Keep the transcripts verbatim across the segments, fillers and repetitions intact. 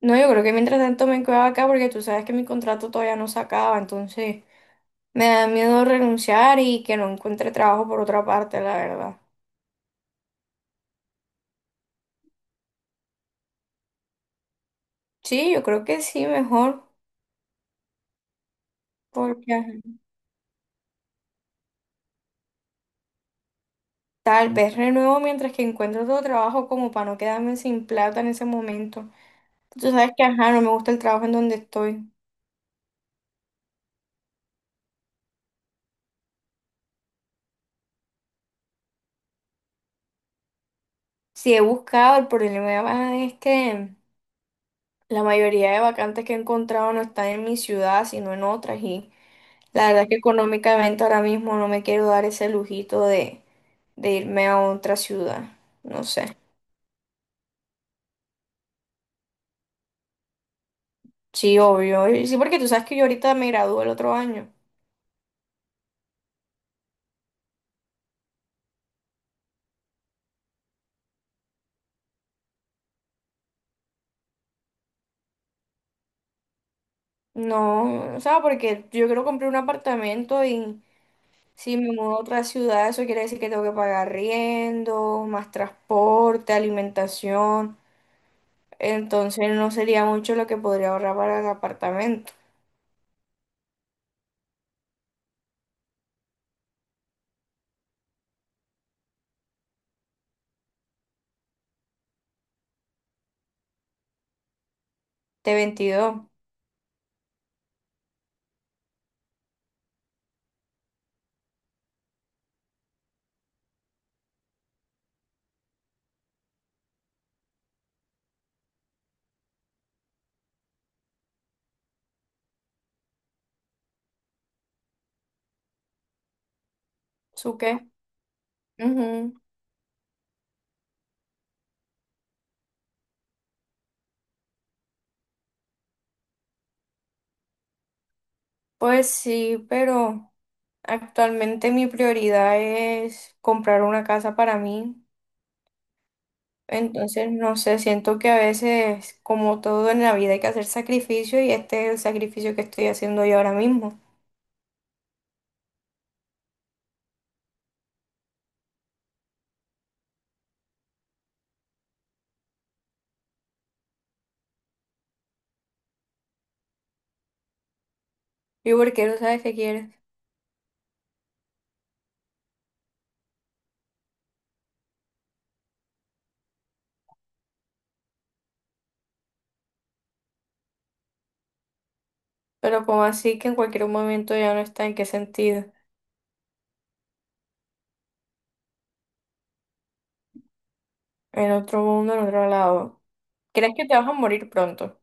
No, yo creo que mientras tanto me quedaba acá porque tú sabes que mi contrato todavía no se acaba, entonces me da miedo renunciar y que no encuentre trabajo por otra parte, la verdad. Sí, yo creo que sí, mejor, porque ajá, tal vez renuevo mientras que encuentro otro trabajo como para no quedarme sin plata en ese momento. Tú sabes que, ajá, no me gusta el trabajo en donde estoy. Sí, he buscado, el problema es que la mayoría de vacantes que he encontrado no están en mi ciudad, sino en otras y La verdad es que económicamente ahora mismo no me quiero dar ese lujito de, de irme a otra ciudad. No sé. Sí, obvio. Y sí, porque tú sabes que yo ahorita me gradúo el otro año. No, o sea, porque yo quiero comprar un apartamento y si me mudo a otra ciudad, eso quiere decir que tengo que pagar riendo, más transporte, alimentación. Entonces no sería mucho lo que podría ahorrar para el apartamento. T Veintidós. ¿Su qué? Ujú. Pues sí, pero actualmente mi prioridad es comprar una casa para mí. Entonces, no sé, siento que a veces, como todo en la vida, hay que hacer sacrificio y este es el sacrificio que estoy haciendo yo ahora mismo. ¿Y porque no sabes que quieres, pero como así que en cualquier momento ya no está, ¿en qué sentido? En otro mundo, en otro lado. ¿Crees que te vas a morir pronto?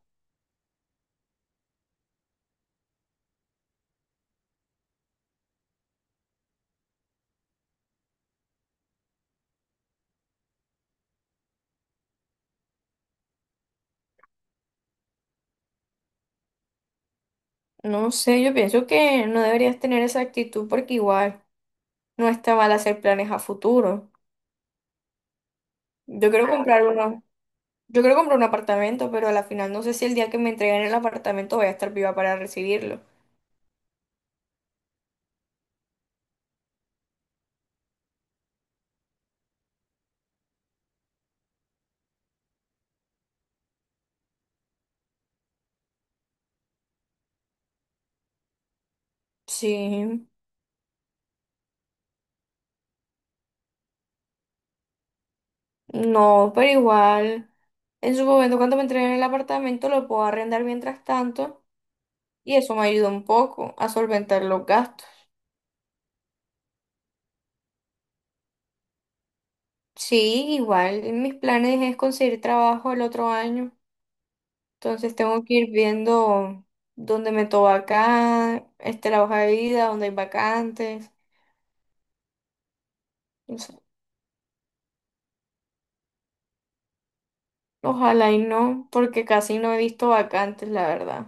No sé, yo pienso que no deberías tener esa actitud porque igual no está mal hacer planes a futuro. Yo quiero comprar unos Yo quiero comprar un apartamento, pero a la final no sé si el día que me entreguen el apartamento voy a estar viva para recibirlo. Sí, no, pero igual, en su momento cuando me entreguen el apartamento lo puedo arrendar mientras tanto y eso me ayuda un poco a solventar los gastos. Sí, igual, mis planes es conseguir trabajo el otro año, entonces tengo que ir viendo dónde me toca acá, este, la hoja de vida, dónde hay vacantes. O sea, ojalá y no, porque casi no he visto vacantes, la verdad.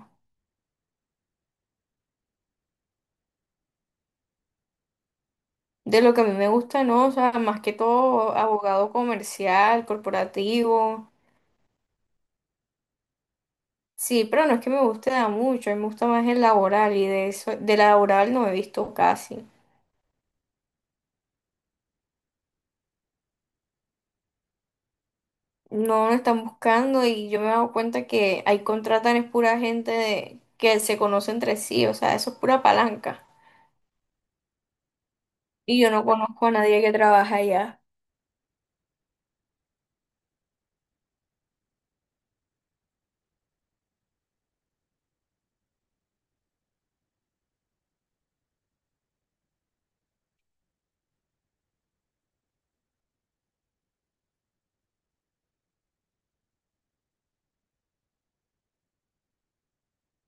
De lo que a mí me gusta, ¿no? O sea, más que todo abogado comercial, corporativo. Sí, pero no es que me guste da mucho, a mí me gusta más el laboral y de eso, de laboral no he visto casi. No lo están buscando y yo me he dado cuenta que ahí contratan es pura gente de que se conoce entre sí, o sea, eso es pura palanca. Y yo no conozco a nadie que trabaja allá.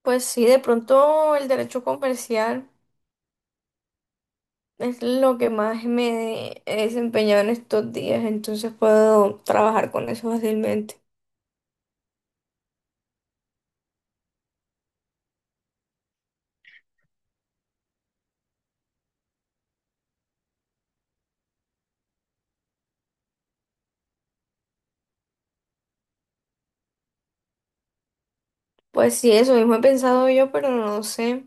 Pues sí, de pronto el derecho comercial. Es lo que más me he desempeñado en estos días, entonces puedo trabajar con eso fácilmente. Pues sí, eso mismo he pensado yo, pero no sé,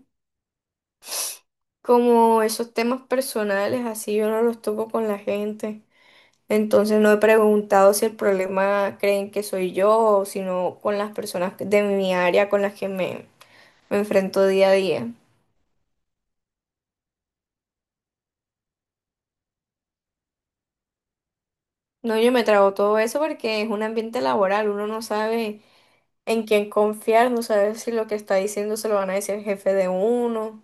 como esos temas personales, así yo no los toco con la gente. Entonces no he preguntado si el problema creen que soy yo, sino con las personas de mi área con las que me, me enfrento día a día. No, yo me trago todo eso porque es un ambiente laboral, uno no sabe en quién confiar, no saber si lo que está diciendo se lo van a decir el jefe de uno.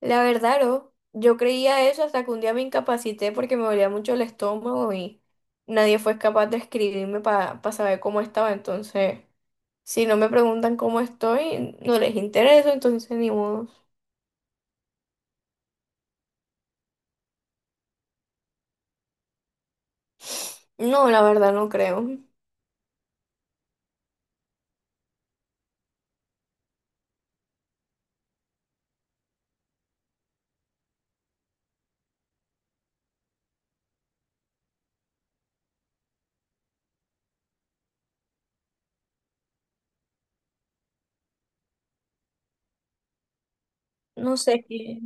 La verdad, no, yo creía eso hasta que un día me incapacité porque me dolía mucho el estómago y nadie fue capaz de escribirme para saber cómo estaba. Entonces, si no me preguntan cómo estoy, no les interesa, entonces ni modo. No, la verdad no creo. No sé qué.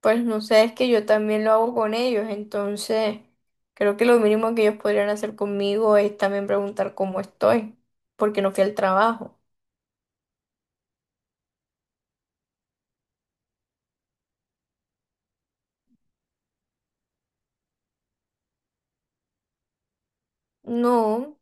Pues no sé, es que yo también lo hago con ellos, entonces creo que lo mínimo que ellos podrían hacer conmigo es también preguntar cómo estoy, porque no fui al trabajo. No,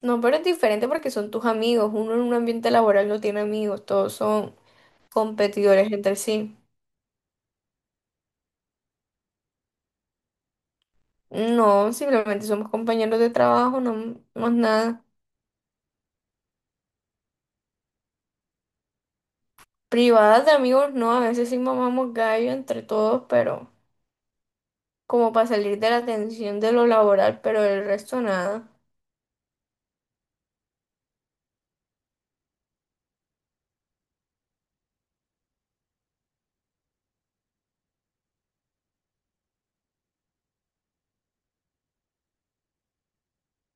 no, pero es diferente porque son tus amigos, uno en un ambiente laboral no tiene amigos, todos son competidores entre sí. No, simplemente somos compañeros de trabajo, no, no es nada. Privadas de amigos, no, a veces sí mamamos gallo entre todos, pero como para salir de la tensión de lo laboral, pero el resto nada.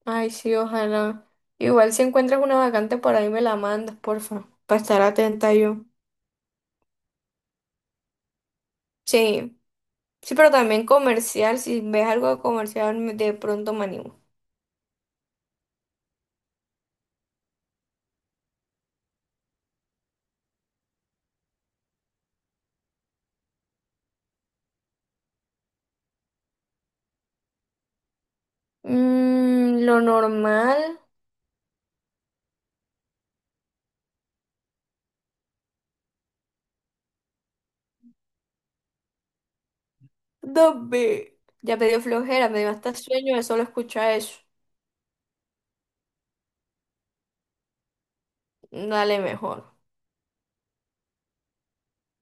Ay, sí, ojalá. Igual si encuentras una vacante por ahí me la mandas, porfa, para estar atenta yo. Sí, sí, pero también comercial, si ves algo de comercial me de pronto me animo. Mm, lo normal, dame. Ya me dio flojera, me dio hasta sueño de solo escuchar eso. Dale mejor.